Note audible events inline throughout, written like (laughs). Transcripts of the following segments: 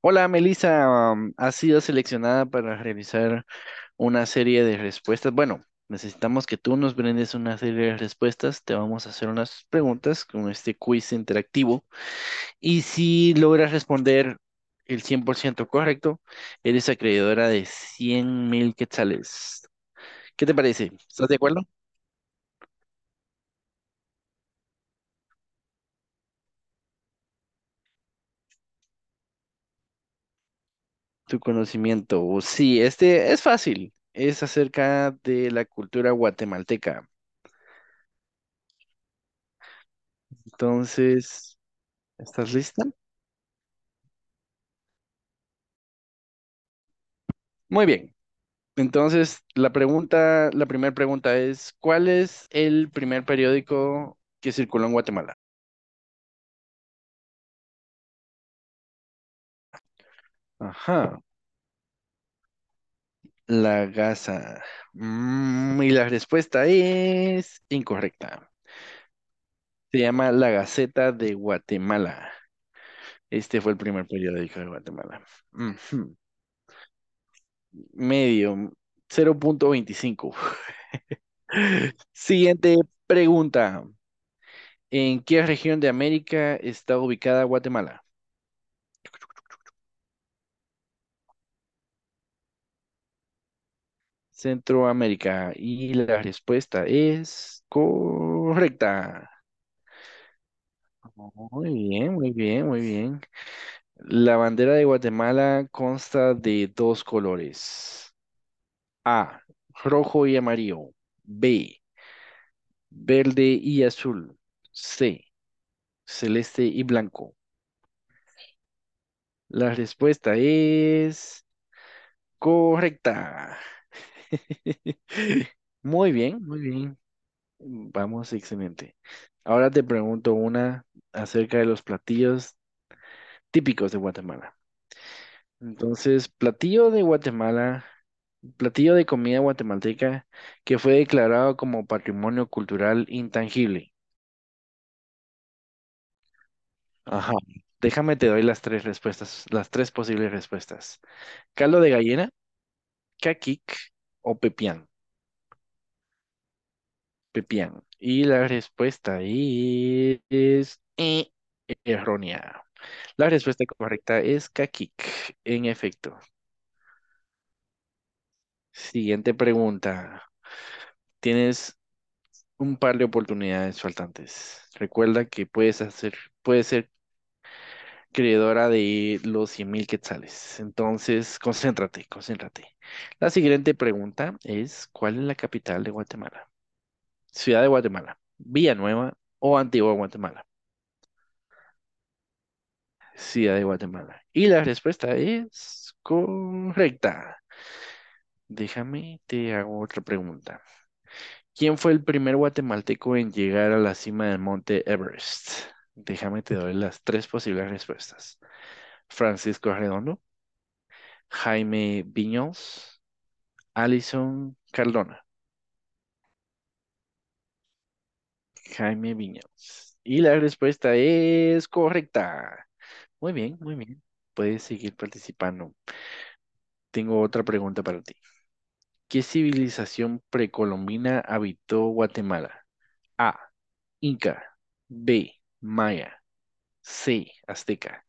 Hola, Melissa, has sido seleccionada para realizar una serie de respuestas. Bueno, necesitamos que tú nos brindes una serie de respuestas. Te vamos a hacer unas preguntas con este quiz interactivo. Y si logras responder el 100% correcto, eres acreedora de 100,000 quetzales. ¿Qué te parece? ¿Estás de acuerdo? Tu conocimiento. Sí, este es fácil. Es acerca de la cultura guatemalteca. Entonces, ¿estás lista? Muy bien. Entonces, la primera pregunta es, ¿cuál es el primer periódico que circuló en Guatemala? Ajá, La Gaza. Y la respuesta es incorrecta. Se llama La Gaceta de Guatemala. Este fue el primer periódico de Guatemala. Ujú. Medio, 0.25. (laughs) Siguiente pregunta. ¿En qué región de América está ubicada Guatemala? Centroamérica. Y la respuesta es correcta. Muy bien, muy bien, muy bien. La bandera de Guatemala consta de dos colores. A, rojo y amarillo. B, verde y azul. C, celeste y blanco. La respuesta es correcta. (laughs) Muy bien, muy bien. Vamos, excelente. Ahora te pregunto una acerca de los platillos típicos de Guatemala. Entonces, platillo de Guatemala, platillo de comida guatemalteca que fue declarado como patrimonio cultural intangible. Ajá. Déjame te doy las tres respuestas, las tres posibles respuestas. Caldo de gallina, caquic o pepián. Pepián. Y la respuesta es... Errónea. La respuesta correcta es Kakik. En efecto. Siguiente pregunta. Tienes un par de oportunidades faltantes. Recuerda que puedes ser creadora de los 100 mil quetzales. Entonces, (laughs) concéntrate, concéntrate. La siguiente pregunta es, ¿cuál es la capital de Guatemala? Ciudad de Guatemala, Villanueva o Antigua Guatemala. Ciudad de Guatemala. Y la respuesta es correcta. Déjame, te hago otra pregunta. ¿Quién fue el primer guatemalteco en llegar a la cima del monte Everest? Déjame, te doy las tres posibles respuestas. Francisco Redondo, Jaime Viñols, Alison Cardona. Jaime Viñols. Y la respuesta es correcta. Muy bien, muy bien. Puedes seguir participando. Tengo otra pregunta para ti. ¿Qué civilización precolombina habitó Guatemala? A. Inca. B. Maya. C, azteca.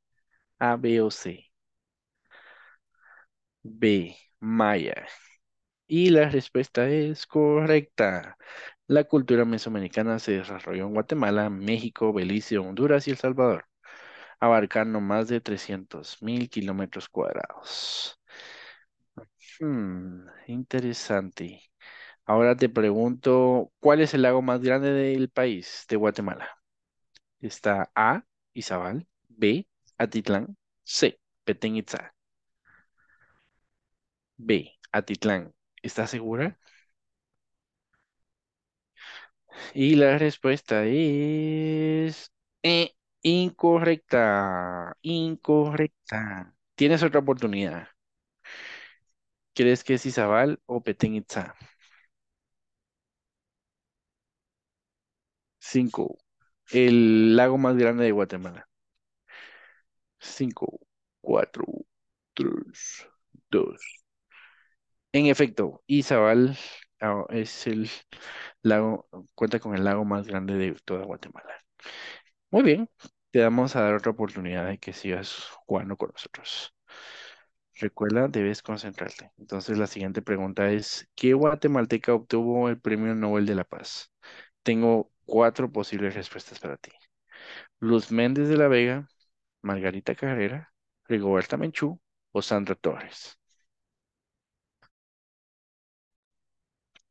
A, B o C. B, maya. Y la respuesta es correcta. La cultura mesoamericana se desarrolló en Guatemala, México, Belice, Honduras y El Salvador, abarcando más de 300,000 kilómetros cuadrados. Interesante. Ahora te pregunto, ¿cuál es el lago más grande del país, de Guatemala? Está A, Izabal, B, Atitlán, C, Petén Itzá. B, Atitlán. ¿Estás segura? Y la respuesta es eh, incorrecta, incorrecta. Tienes otra oportunidad. ¿Crees que es Izabal o Petén Itzá? Cinco. El lago más grande de Guatemala. Cinco, cuatro, tres, dos. En efecto, Izabal es el lago, cuenta con el lago más grande de toda Guatemala. Muy bien, te vamos a dar otra oportunidad de que sigas jugando con nosotros. Recuerda, debes concentrarte. Entonces, la siguiente pregunta es, ¿qué guatemalteca obtuvo el Premio Nobel de la Paz? Tengo cuatro posibles respuestas para ti. Luz Méndez de la Vega, Margarita Carrera, Rigoberta Menchú o Sandra Torres.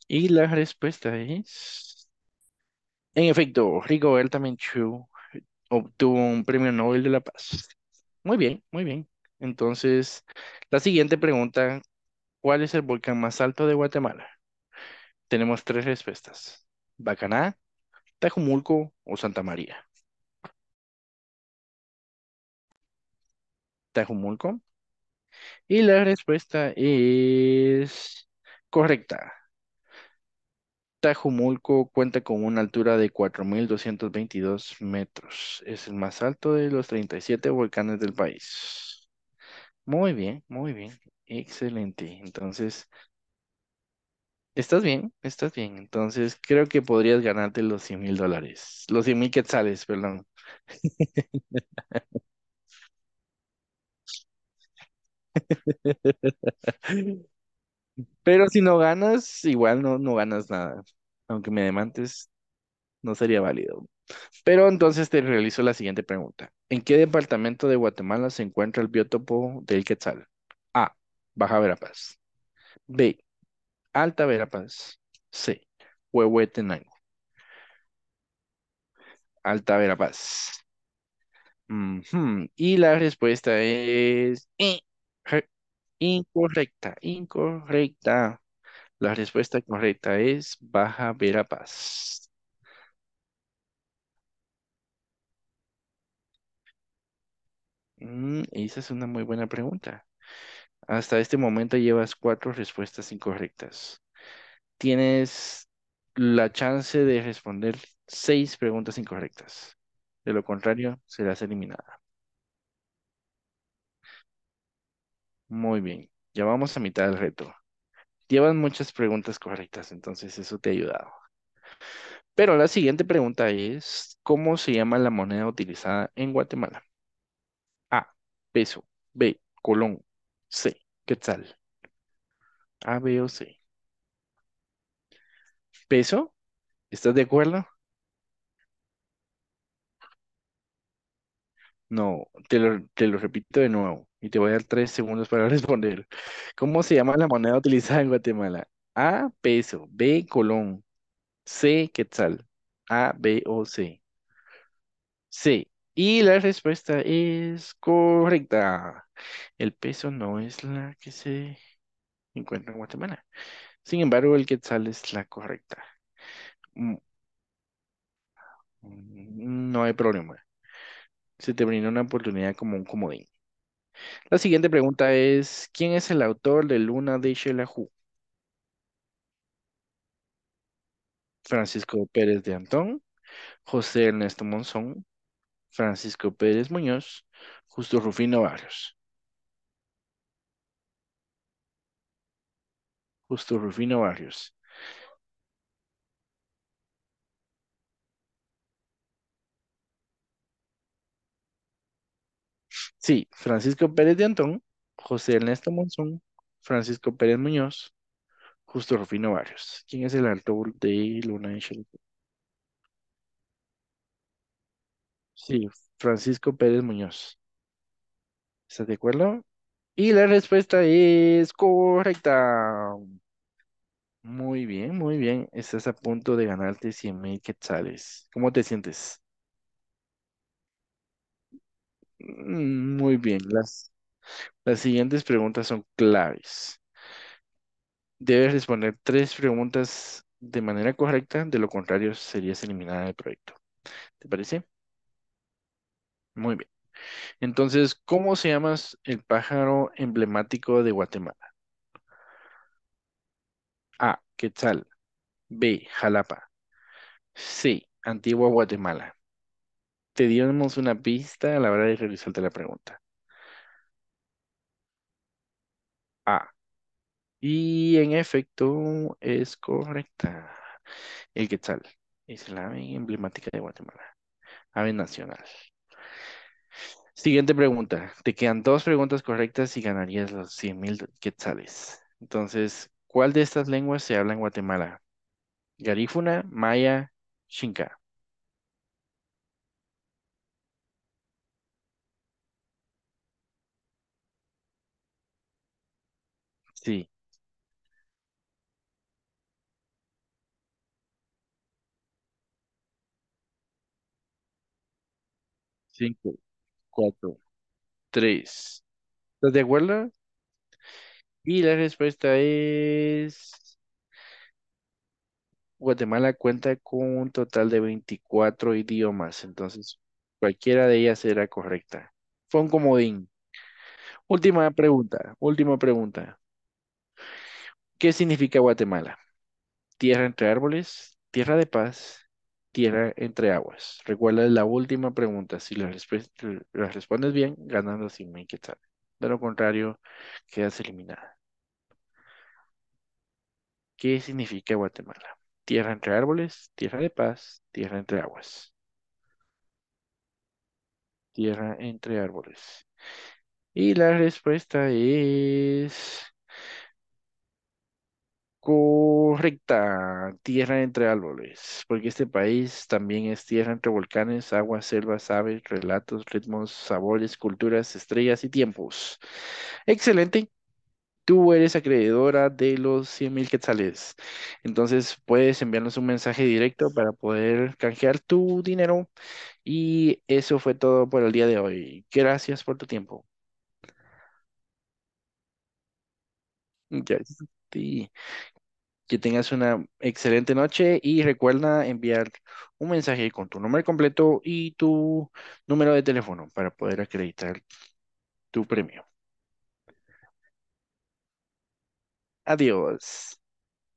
Y la respuesta es, en efecto, Rigoberta Menchú obtuvo un premio Nobel de la Paz. Muy bien, muy bien. Entonces, la siguiente pregunta, ¿cuál es el volcán más alto de Guatemala? Tenemos tres respuestas, Bacaná, Tajumulco o Santa María. Tajumulco. Y la respuesta es correcta. Tajumulco cuenta con una altura de 4,222 metros. Es el más alto de los 37 volcanes del país. Muy bien, muy bien. Excelente. Entonces, estás bien, estás bien. Entonces creo que podrías ganarte los 100,000 dólares, los 100,000 quetzales, perdón. Pero si no ganas, igual no, no ganas nada. Aunque me demandes, no sería válido. Pero entonces te realizo la siguiente pregunta. ¿En qué departamento de Guatemala se encuentra el biótopo del quetzal? A. Baja Verapaz. B. Alta Verapaz. C. Huehuetenango. Alta Verapaz. Ujú. Y la respuesta es re- incorrecta, incorrecta. La respuesta correcta es Baja Verapaz. Esa es una muy buena pregunta. Hasta este momento llevas cuatro respuestas incorrectas. Tienes la chance de responder seis preguntas incorrectas. De lo contrario, serás eliminada. Muy bien, ya vamos a mitad del reto. Llevan muchas preguntas correctas, entonces eso te ha ayudado. Pero la siguiente pregunta es, ¿cómo se llama la moneda utilizada en Guatemala? A, peso, B, colón, C, quetzal, A, B o C. ¿Peso? ¿Estás de acuerdo? No, te lo repito de nuevo y te voy a dar 3 segundos para (laughs) responder. ¿Cómo se llama la moneda utilizada en Guatemala? A, peso, B, colón, C, quetzal, A, B o C. C. Y la respuesta es correcta. El peso no es la que se encuentra en Guatemala. Sin embargo, el quetzal es la correcta. Mm, No hay problema. Se te brinda una oportunidad como un comodín. La siguiente pregunta es, ¿quién es el autor de Luna de Xelajú? Francisco Pérez de Antón, José Ernesto Monzón, Francisco Pérez Muñoz, Justo Rufino Barrios. Justo Rufino Barrios. Sí, Francisco Pérez de Antón, José Ernesto Monzón, Francisco Pérez Muñoz, Justo Rufino Barrios. ¿Quién es el autor de Luna de Xelajú? Sí, Francisco Pérez Muñoz. ¿Estás de acuerdo? Y la respuesta es correcta. Muy bien, muy bien. Estás a punto de ganarte 100 mil quetzales. ¿Cómo te sientes? Muy bien. Las siguientes preguntas son claves. Debes responder tres preguntas de manera correcta, de lo contrario serías eliminada del proyecto. ¿Te parece? Muy bien. Entonces, ¿cómo se llama el pájaro emblemático de Guatemala? A. Quetzal. B. Jalapa. Sí, Antigua Guatemala. Te dimos una pista a la hora de realizarte la pregunta. Ah, y en efecto es correcta. El Quetzal es la ave emblemática de Guatemala, ave nacional. Siguiente pregunta. Te quedan dos preguntas correctas y ganarías los 100,000 quetzales. Entonces, ¿cuál de estas lenguas se habla en Guatemala? Garífuna, Maya, Xinca. Sí, cinco, cuatro, tres. ¿Estás de acuerdo? Y la respuesta es, Guatemala cuenta con un total de 24 idiomas, entonces cualquiera de ellas será correcta. Fue un comodín. Última pregunta, última pregunta. ¿Qué significa Guatemala? Tierra entre árboles, tierra de paz, tierra entre aguas. Recuerda la última pregunta. Si la respondes bien, ganas 100 mil quetzales. De lo contrario, quedas eliminada. ¿Qué significa Guatemala? Tierra entre árboles, tierra de paz, tierra entre aguas, tierra entre árboles. Y la respuesta es correcta, tierra entre árboles, porque este país también es tierra entre volcanes, aguas, selvas, aves, relatos, ritmos, sabores, culturas, estrellas y tiempos. Excelente. Tú eres acreedora de los 100 mil quetzales. Entonces puedes enviarnos un mensaje directo para poder canjear tu dinero. Y eso fue todo por el día de hoy. Gracias por tu tiempo. Gracias a ti. Que tengas una excelente noche y recuerda enviar un mensaje con tu nombre completo y tu número de teléfono para poder acreditar tu premio. Adiós.